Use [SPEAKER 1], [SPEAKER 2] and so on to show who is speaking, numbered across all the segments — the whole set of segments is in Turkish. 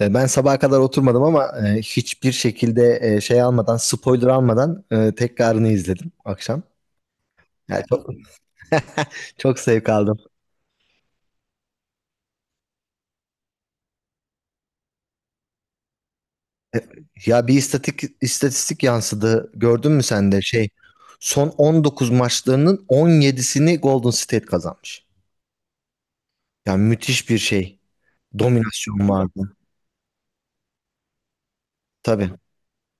[SPEAKER 1] Ben sabaha kadar oturmadım ama hiçbir şekilde şey almadan, spoiler almadan tekrarını izledim akşam. Yani çok zevk aldım. Ya bir istatistik yansıdı. Gördün mü sen de şey son 19 maçlarının 17'sini Golden State kazanmış. Yani müthiş bir şey. Dominasyon vardı. Tabii,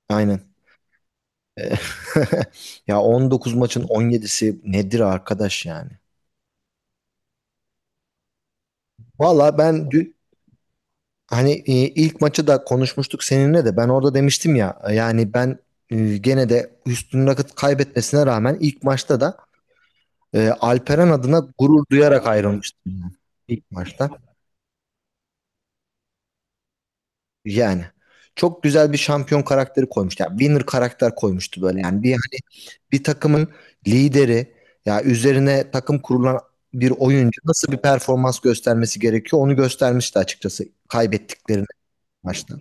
[SPEAKER 1] aynen. E, Ya 19 maçın 17'si nedir arkadaş yani? Valla ben dü- Hani ilk maçı da konuşmuştuk seninle de ben orada demiştim ya yani gene de Houston Rockets kaybetmesine rağmen ilk maçta da Alperen adına gurur duyarak ayrılmıştım ben ilk maçta. Yani çok güzel bir şampiyon karakteri koymuş. Yani winner karakter koymuştu böyle. Yani bir takımın lideri, ya üzerine takım kurulan bir oyuncu nasıl bir performans göstermesi gerekiyor onu göstermişti açıkçası kaybettiklerini maçta.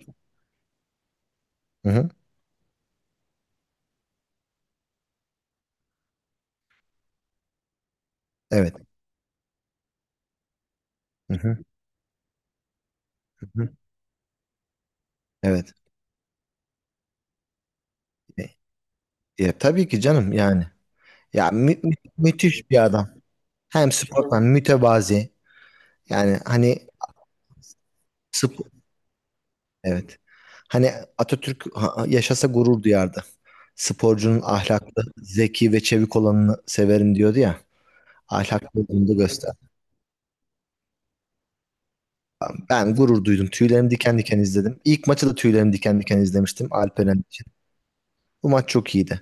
[SPEAKER 1] Hı hı. Evet. Hı hı. Hı hı. Evet. E, Ya tabii ki canım yani. Ya müthiş bir adam. Hem sportman mütevazi. Yani hani sp- evet. Hani Atatürk yaşasa gurur duyardı. Sporcunun ahlaklı, zeki ve çevik olanını severim diyordu ya. Ahlaklı olduğunu da göster. Ben gurur duydum. Tüylerim diken diken izledim. İlk maçı da tüylerim diken diken izlemiştim Alperen için. Bu maç çok iyiydi.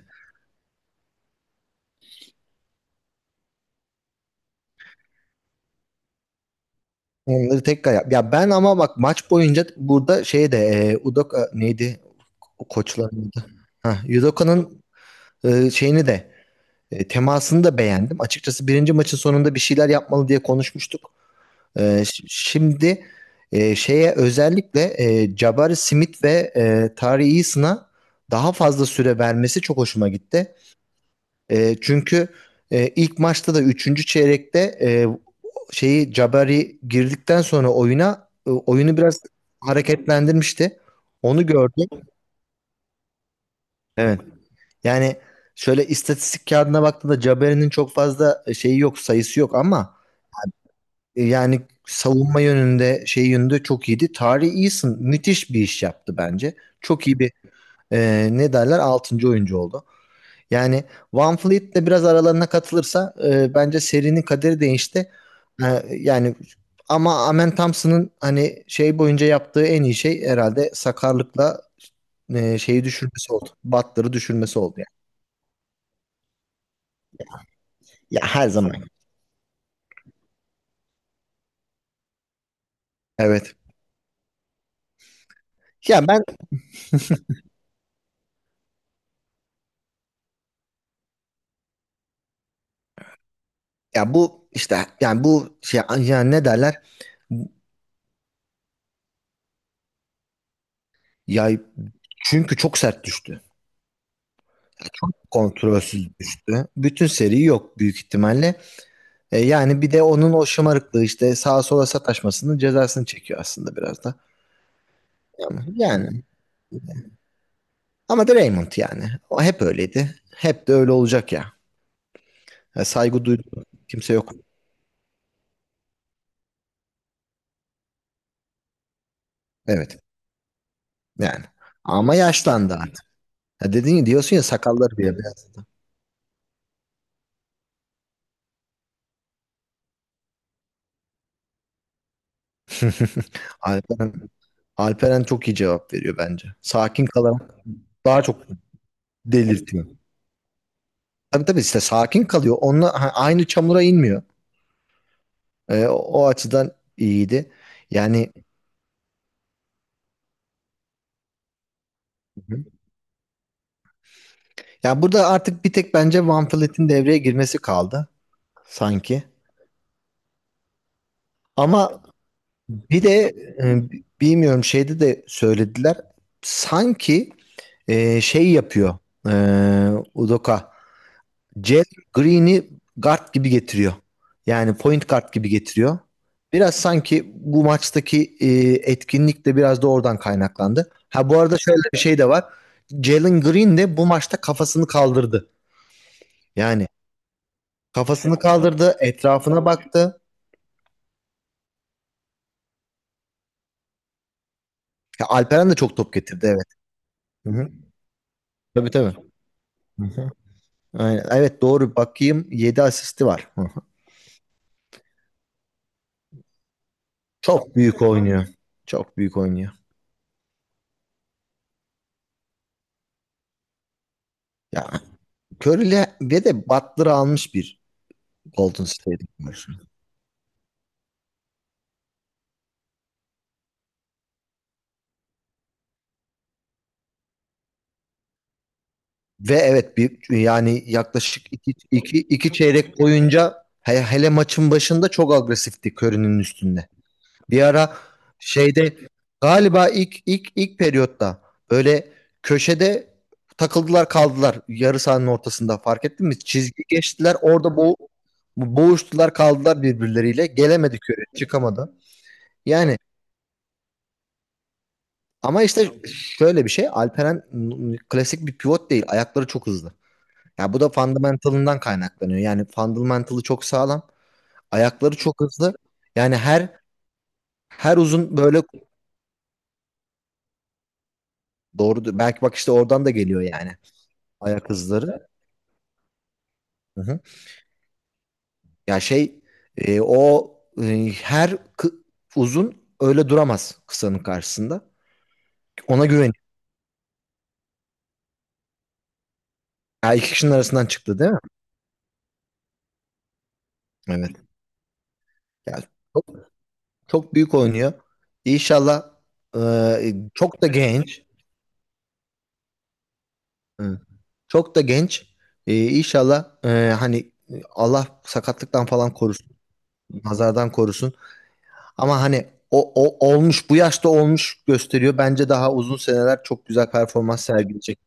[SPEAKER 1] Onları tekrar yap. Ya ben ama bak maç boyunca burada şey de Udoka neydi? O koçların adı. Ha, Udoka'nın şeyini de temasını da beğendim. Açıkçası birinci maçın sonunda bir şeyler yapmalı diye konuşmuştuk. Şimdi şeye özellikle Jabari Smith ve Tari Eason'a daha fazla süre vermesi çok hoşuma gitti. Çünkü ilk maçta da üçüncü çeyrekte şeyi Jabari girdikten sonra oyuna oyunu biraz hareketlendirmişti. Onu gördüm. Evet. Yani şöyle istatistik kağıdına baktığında Jabari'nin çok fazla şeyi yok, sayısı yok ama yani savunma yönünde, şey yönünde çok iyiydi. Tari Eason müthiş bir iş yaptı bence. Çok iyi bir ne derler 6. oyuncu oldu. Yani Van Fleet de biraz aralarına katılırsa bence serinin kaderi değişti. Yani ama Amen Thompson'ın hani şey boyunca yaptığı en iyi şey herhalde sakarlıkla şeyi düşürmesi oldu. Butler'ı düşürmesi oldu yani. Ya her zaman. Evet. Ya ben ya bu işte yani bu şey ya ne derler? Ya çünkü çok sert düştü. Çok kontrolsüz düştü. Bütün seri yok büyük ihtimalle. Yani bir de onun o şımarıklığı işte sağa sola sataşmasının cezasını çekiyor aslında biraz da. Ama Yani ama da Raymond yani. O hep öyleydi. Hep de öyle olacak ya. Ya saygı duydu. Kimse yok. Evet. Yani. Ama yaşlandı artık. Ya dediğin diyorsun ya sakalları bile beyazladı. Alperen, Alperen çok iyi cevap veriyor bence. Sakin kalarak daha çok delirtiyor. Tabii tabii işte sakin kalıyor. Onunla ha, aynı çamura inmiyor. O açıdan iyiydi. Yani Ya burada artık bir tek bence Van Vliet'in devreye girmesi kaldı sanki. Ama bir de e, bilmiyorum şeyde de söylediler. Sanki şey yapıyor, e, Udoka. Jalen Green'i guard gibi getiriyor. Yani point guard gibi getiriyor. Biraz sanki bu maçtaki etkinlik de biraz da oradan kaynaklandı. Ha bu arada şöyle bir şey de var. Jalen Green de bu maçta kafasını kaldırdı. Yani Kafasını kaldırdı, etrafına baktı. Ya Alperen de çok top getirdi evet. Hı hı. Tabii tabii. Hı hı. Aynen. Evet doğru bakayım 7 asisti var. Hı hı. Çok büyük oynuyor. Çok büyük oynuyor. Ya Curry'le ve de Butler'ı almış bir Golden State var. Ve evet bir yani yaklaşık iki çeyrek boyunca hele maçın başında çok agresifti Curry'nin üstünde. Bir ara şeyde galiba ilk periyotta böyle köşede takıldılar kaldılar yarı sahanın ortasında fark ettin mi? Çizgi geçtiler orada boğuştular kaldılar birbirleriyle, gelemedi köre, çıkamadı. Yani ama işte şöyle bir şey, Alperen klasik bir pivot değil, ayakları çok hızlı. Ya bu da fundamentalından kaynaklanıyor. Yani fundamentalı çok sağlam. Ayakları çok hızlı. Yani her uzun böyle, doğru belki bak işte oradan da geliyor yani. Ayak hızları. Hı hı. Ya şey e, o e, her kı- uzun öyle duramaz kısanın karşısında. Ona güven. Ya iki kişinin arasından çıktı değil mi? Evet. Ya çok, çok büyük oynuyor. İnşallah çok da genç. Hı. Çok da genç. İnşallah hani Allah sakatlıktan falan korusun. Nazardan korusun. Ama hani o olmuş, bu yaşta olmuş, gösteriyor. Bence daha uzun seneler çok güzel performans sergileyecek.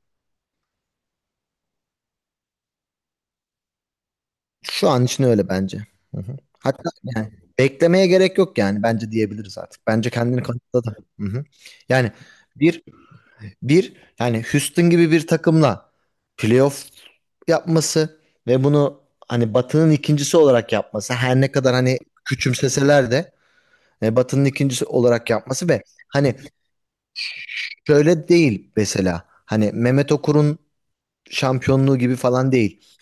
[SPEAKER 1] Şu an için öyle bence. Hı hı. Hatta yani beklemeye gerek yok yani bence diyebiliriz artık. Bence kendini kanıtladı. Hı hı. Yani bir bir yani Houston gibi bir takımla playoff yapması ve bunu hani Batı'nın ikincisi olarak yapması, her ne kadar hani küçümseseler de, Batı'nın ikincisi olarak yapması ve hani şöyle değil, mesela hani Mehmet Okur'un şampiyonluğu gibi falan değil.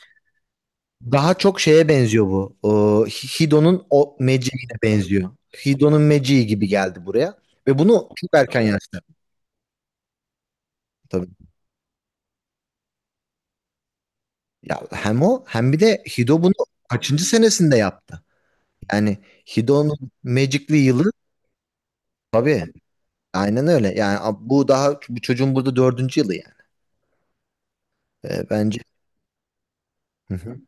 [SPEAKER 1] Daha çok şeye benziyor bu. Hido'nun o magicine benziyor. Hido'nun magici gibi geldi buraya. Ve bunu çok erken yaşta yaptı tabii. Ya hem o hem bir de Hido bunu kaçıncı senesinde yaptı? Yani Hido'nun Magic'li yılı tabii. Aynen öyle. Yani bu daha bu çocuğun burada dördüncü yılı yani. Bence. Hı hı.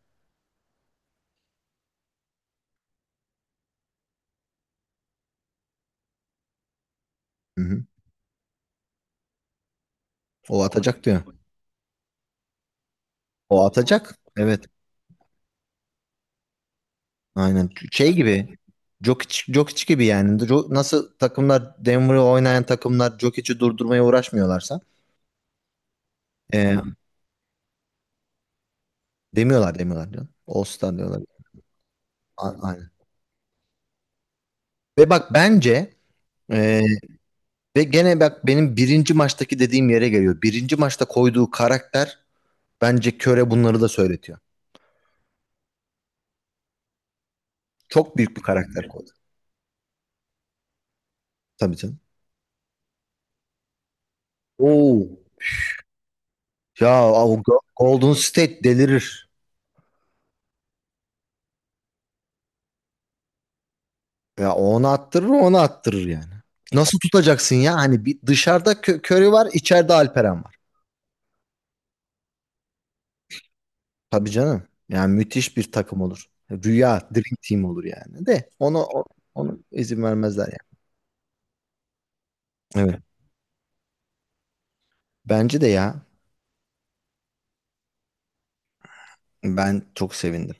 [SPEAKER 1] Hı hı. O atacak diyor. O atacak. Evet. Aynen. Şey gibi. Jokic gibi yani. Nasıl takımlar Denver'ı oynayan takımlar Jokic'i durdurmaya uğraşmıyorlarsa e, demiyorlar demiyorlar diyor. All-Star diyorlar. Aynen. Ve bak bence e, ve gene bak benim birinci maçtaki dediğim yere geliyor. Birinci maçta koyduğu karakter bence Köre bunları da söyletiyor. Çok büyük bir karakter koydu. Tabii canım. Oo. Ya o Golden State delirir. Ya onu attırır yani. Nasıl tutacaksın ya? Hani bir dışarıda Curry var, içeride Alperen var. Tabii canım. Yani müthiş bir takım olur. Rüya, dream team olur yani. De onu onu izin vermezler yani. Evet. Bence de ya. Ben çok sevindim.